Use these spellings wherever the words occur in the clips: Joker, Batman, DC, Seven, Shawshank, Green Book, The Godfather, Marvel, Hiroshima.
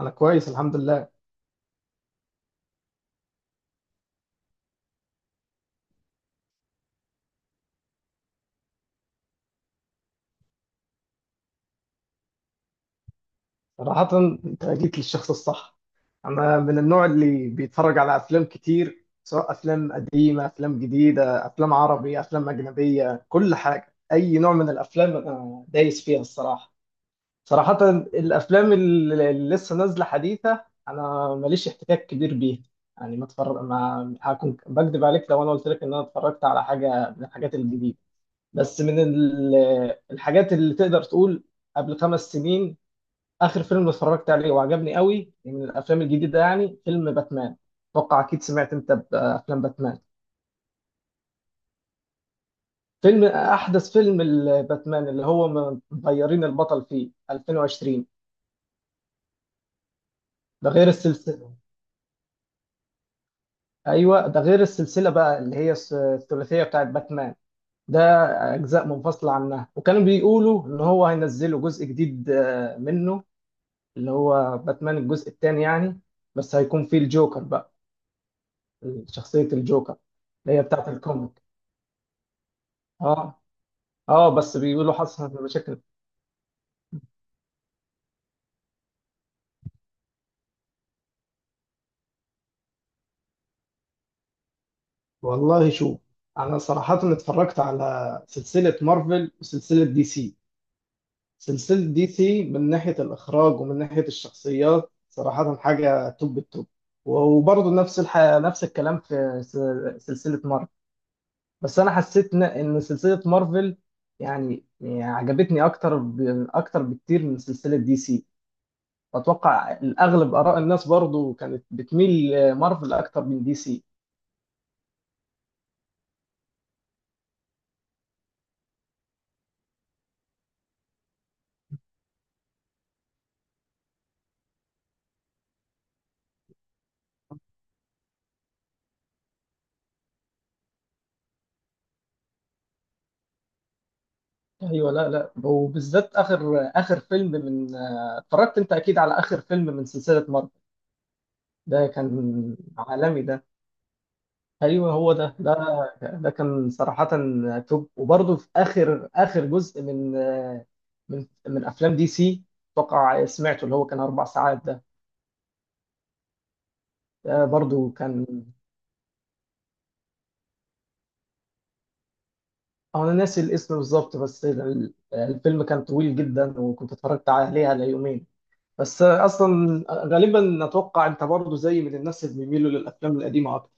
أنا كويس الحمد لله. صراحة أنت جيت للشخص الصح. أنا من النوع اللي بيتفرج على أفلام كتير، سواء أفلام قديمة، أفلام جديدة، أفلام عربي، أفلام أجنبية، كل حاجة، أي نوع من الأفلام أنا دايس فيها الصراحة. صراحة الأفلام اللي لسه نازلة حديثة أنا ماليش احتكاك كبير بيها. يعني ما اتفرج، ما هكون بكذب عليك لو أنا قلت لك إن أنا اتفرجت على حاجة من الحاجات الجديدة. بس من ال- الحاجات اللي تقدر تقول، قبل 5 سنين اخر فيلم اتفرجت عليه وعجبني قوي من الافلام الجديده يعني فيلم باتمان. اتوقع اكيد سمعت انت بافلام باتمان. فيلم احدث فيلم الباتمان اللي هو مغيرين البطل فيه 2020. ده غير السلسله. ايوه ده غير السلسله بقى اللي هي الثلاثيه بتاعت باتمان. ده اجزاء منفصله عنها، وكانوا بيقولوا ان هو هينزلوا جزء جديد منه، اللي هو باتمان الجزء الثاني يعني. بس هيكون فيه الجوكر بقى، شخصيه الجوكر اللي هي بتاعت الكوميك. اه. اه بس بيقولوا حصلت مشاكل. والله شوف، انا صراحة اتفرجت على سلسلة مارفل وسلسلة دي سي. سلسلة دي سي من ناحية الاخراج ومن ناحية الشخصيات صراحة حاجة توب التوب. وبرضه نفس الكلام في سلسلة مارفل. بس انا حسيت إن سلسلة مارفل، يعني عجبتني اكتر بكتير من سلسلة دي سي. واتوقع الاغلب اراء الناس برضه كانت بتميل مارفل اكتر من دي سي. ايوه، لا وبالذات اخر فيلم من اتفرجت انت اكيد على اخر فيلم من سلسله مارفل. ده كان عالمي ده. ايوه هو ده ده كان صراحه توب. وبرضه في اخر جزء من من افلام دي سي، اتوقع سمعته اللي هو كان 4 ساعات ده. ده برضه كان، انا ناسي الاسم بالظبط. الفيلم كان طويل جدا، وكنت اتفرجت عليه على يومين. بس اصلا غالبا اتوقع انت برضه زي من الناس اللي بيميلوا للافلام القديمه اكتر.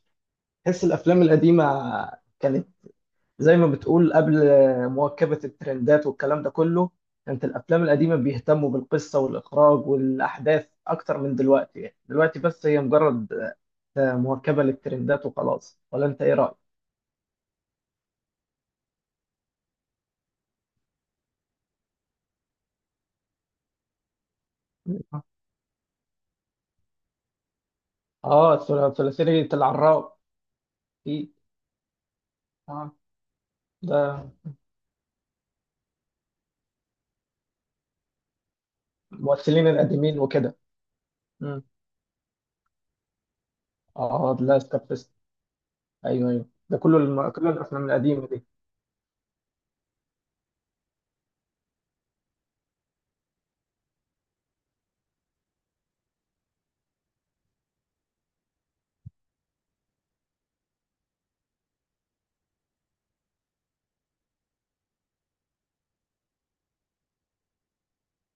تحس الافلام القديمه كانت زي ما بتقول قبل مواكبه الترندات والكلام ده كله. كانت الافلام القديمه بيهتموا بالقصه والاخراج والاحداث اكتر من دلوقتي، يعني دلوقتي بس هي مجرد مواكبه للترندات وخلاص، ولا انت ايه رايك؟ اه، ثلاثيه العراب. في، اه، ده الممثلين القديمين وكده. مم. اه لا. ايوه ايوه ده كله كل الافلام القديمه دي.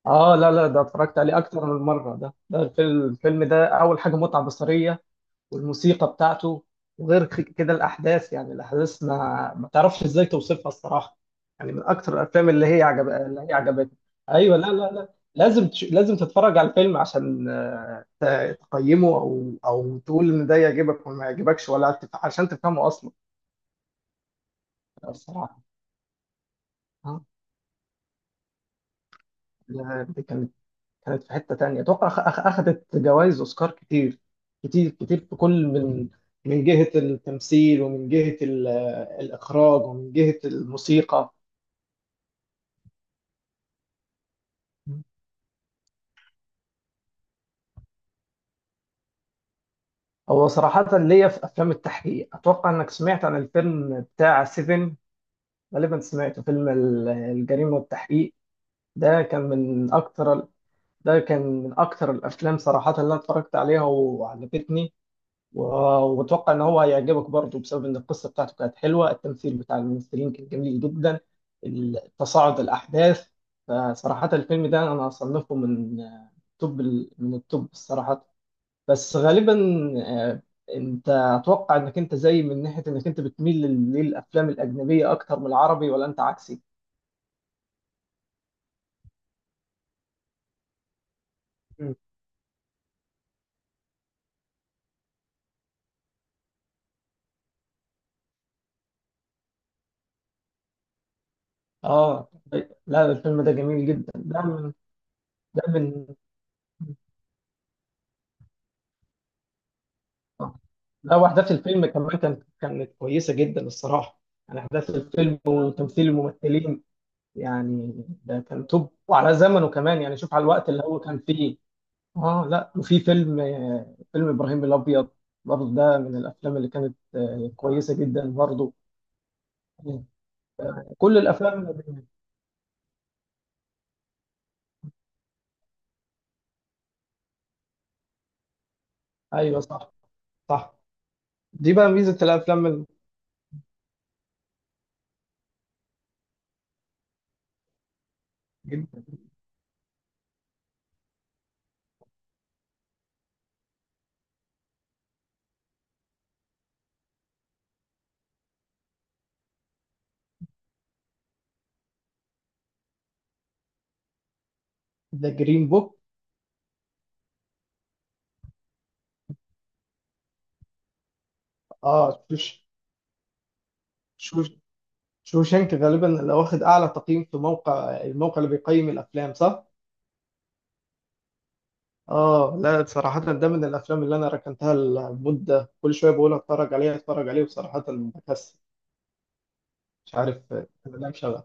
اه لا ده اتفرجت عليه اكتر من مره. ده الفيلم، الفيلم ده اول حاجه متعه بصريه، والموسيقى بتاعته، وغير كده الاحداث، يعني الاحداث ما تعرفش ازاي توصفها الصراحه. يعني من اكتر الافلام اللي هي عجب اللي هي عجبتني. ايوه لا. لازم تتفرج على الفيلم عشان تقيمه او تقول ان ده يعجبك وما يعجبكش، عشان تفهمه اصلا. الصراحه، آه، لا، دي كانت، كانت في حتة تانية. اتوقع اخدت جوائز اوسكار كتير، كتير كتير، في كل من، من جهة التمثيل ومن جهة الاخراج ومن جهة الموسيقى. هو صراحة ليا في افلام التحقيق، اتوقع انك سمعت عن الفيلم بتاع سيفن، غالبا سمعته، فيلم الجريمة والتحقيق. ده كان من اكتر ده كان من اكتر الافلام صراحة اللي انا اتفرجت عليها وعجبتني، و- واتوقع ان هو هيعجبك برضه بسبب ان القصه بتاعته كانت حلوه، التمثيل بتاع الممثلين كان جميل جدا، تصاعد الاحداث. فصراحه الفيلم ده انا اصنفه من، آه، توب، من التوب الصراحه. بس غالبا، آه، انت اتوقع انك انت زي من ناحيه انك انت بتميل للافلام الاجنبيه اكتر من العربي، ولا انت عكسي؟ مم. اه لا، الفيلم ده جميل جدا، ده من، ده من لا، واحداث الفيلم كمان كانت، كانت كويسه جدا الصراحه. يعني احداث الفيلم وتمثيل الممثلين يعني ده كان توب، وعلى زمنه كمان، يعني شوف على الوقت اللي هو كان فيه. اه لا، وفي فيلم، آه، فيلم ابراهيم الابيض، برضه ده من الافلام اللي كانت، آه، كويسه جدا برضه. كل الافلام الأجنبية. ايوه صح. صح، دي بقى ميزه الافلام جدا. ذا جرين بوك. اه شوف، شوف، شوشانك غالبا اللي واخد اعلى تقييم في موقع، الموقع اللي بيقيم الافلام، صح؟ اه لا، صراحة ده من الافلام اللي انا ركنتها لمدة، كل شوية بقول اتفرج عليه، اتفرج عليه، وصراحة بكسل. مش عارف، آه، ده مشغل.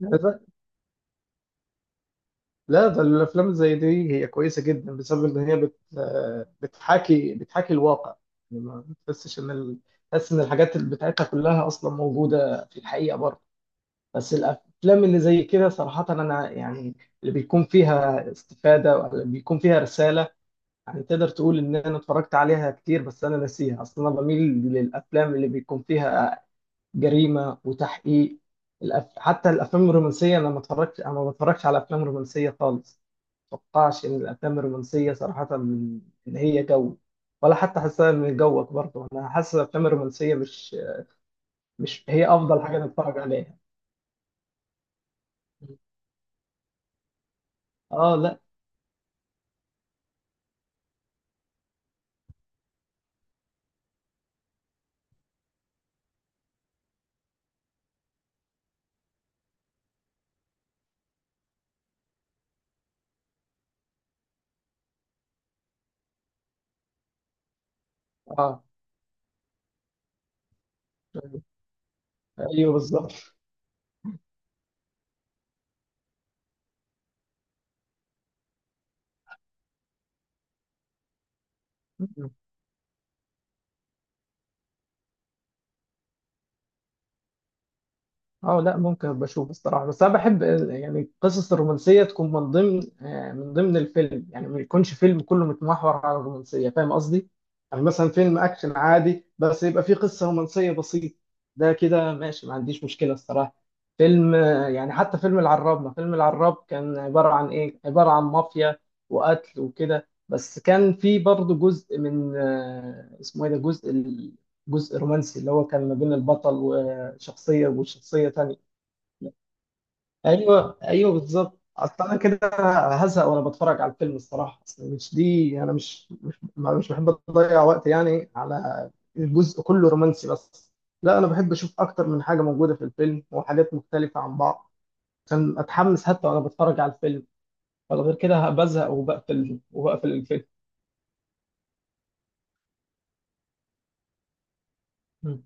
لا ده، لا، ده الافلام زي دي هي كويسة جدا بسبب ان هي بت آه، بتحاكي، بتحاكي الواقع. يعني ما بتحسش ان تحس ان الحاجات بتاعتها كلها اصلا موجودة في الحقيقة برضه. بس الافلام اللي زي كده صراحه انا يعني، اللي بيكون فيها استفاده ولا بيكون فيها رساله، يعني تقدر تقول ان انا اتفرجت عليها كتير بس انا ناسيها اصلا. انا بميل للافلام اللي بيكون فيها جريمه وتحقيق. حتى الافلام الرومانسيه انا ما اتفرجتش، انا ما بتفرجش على افلام رومانسيه خالص. ما اتوقعش ان الافلام الرومانسيه صراحه ان هي جو، ولا حتى حاسسها من جوك برضه. انا حاسس الافلام الرومانسيه مش، مش هي افضل حاجه نتفرج عليها. اه لا. اه ايوه بالظبط. مم. اه لا ممكن ابقى اشوف الصراحه، بس انا بحب يعني القصص الرومانسيه تكون من ضمن، آه، من ضمن الفيلم، يعني ما يكونش فيلم كله متمحور على الرومانسيه، فاهم قصدي؟ يعني مثلا فيلم اكشن عادي بس يبقى فيه قصه رومانسيه بسيطه، ده كده ماشي، ما عنديش مشكله الصراحه. فيلم، آه، يعني حتى فيلم العراب، ما فيلم العراب كان عباره عن ايه؟ عباره عن مافيا وقتل وكده، بس كان فيه برضه جزء من، آه، اسمه ايه ده، جزء جزء رومانسي اللي هو كان ما بين البطل، شخصيه وشخصيه تانية. ايوه ايوه بالظبط، اصل انا كده هزهق وانا بتفرج على الفيلم الصراحه. اصل مش دي، انا مش بحب اضيع وقت يعني على الجزء كله رومانسي بس. لا انا بحب اشوف اكتر من حاجه موجوده في الفيلم، وحاجات مختلفه عن بعض، عشان اتحمس حتى وانا بتفرج على الفيلم، ولا غير كده بزهق وبقفل الفيلم. مم.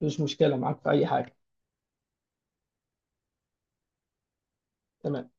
مش مشكله معاك في اي حاجه. تمام.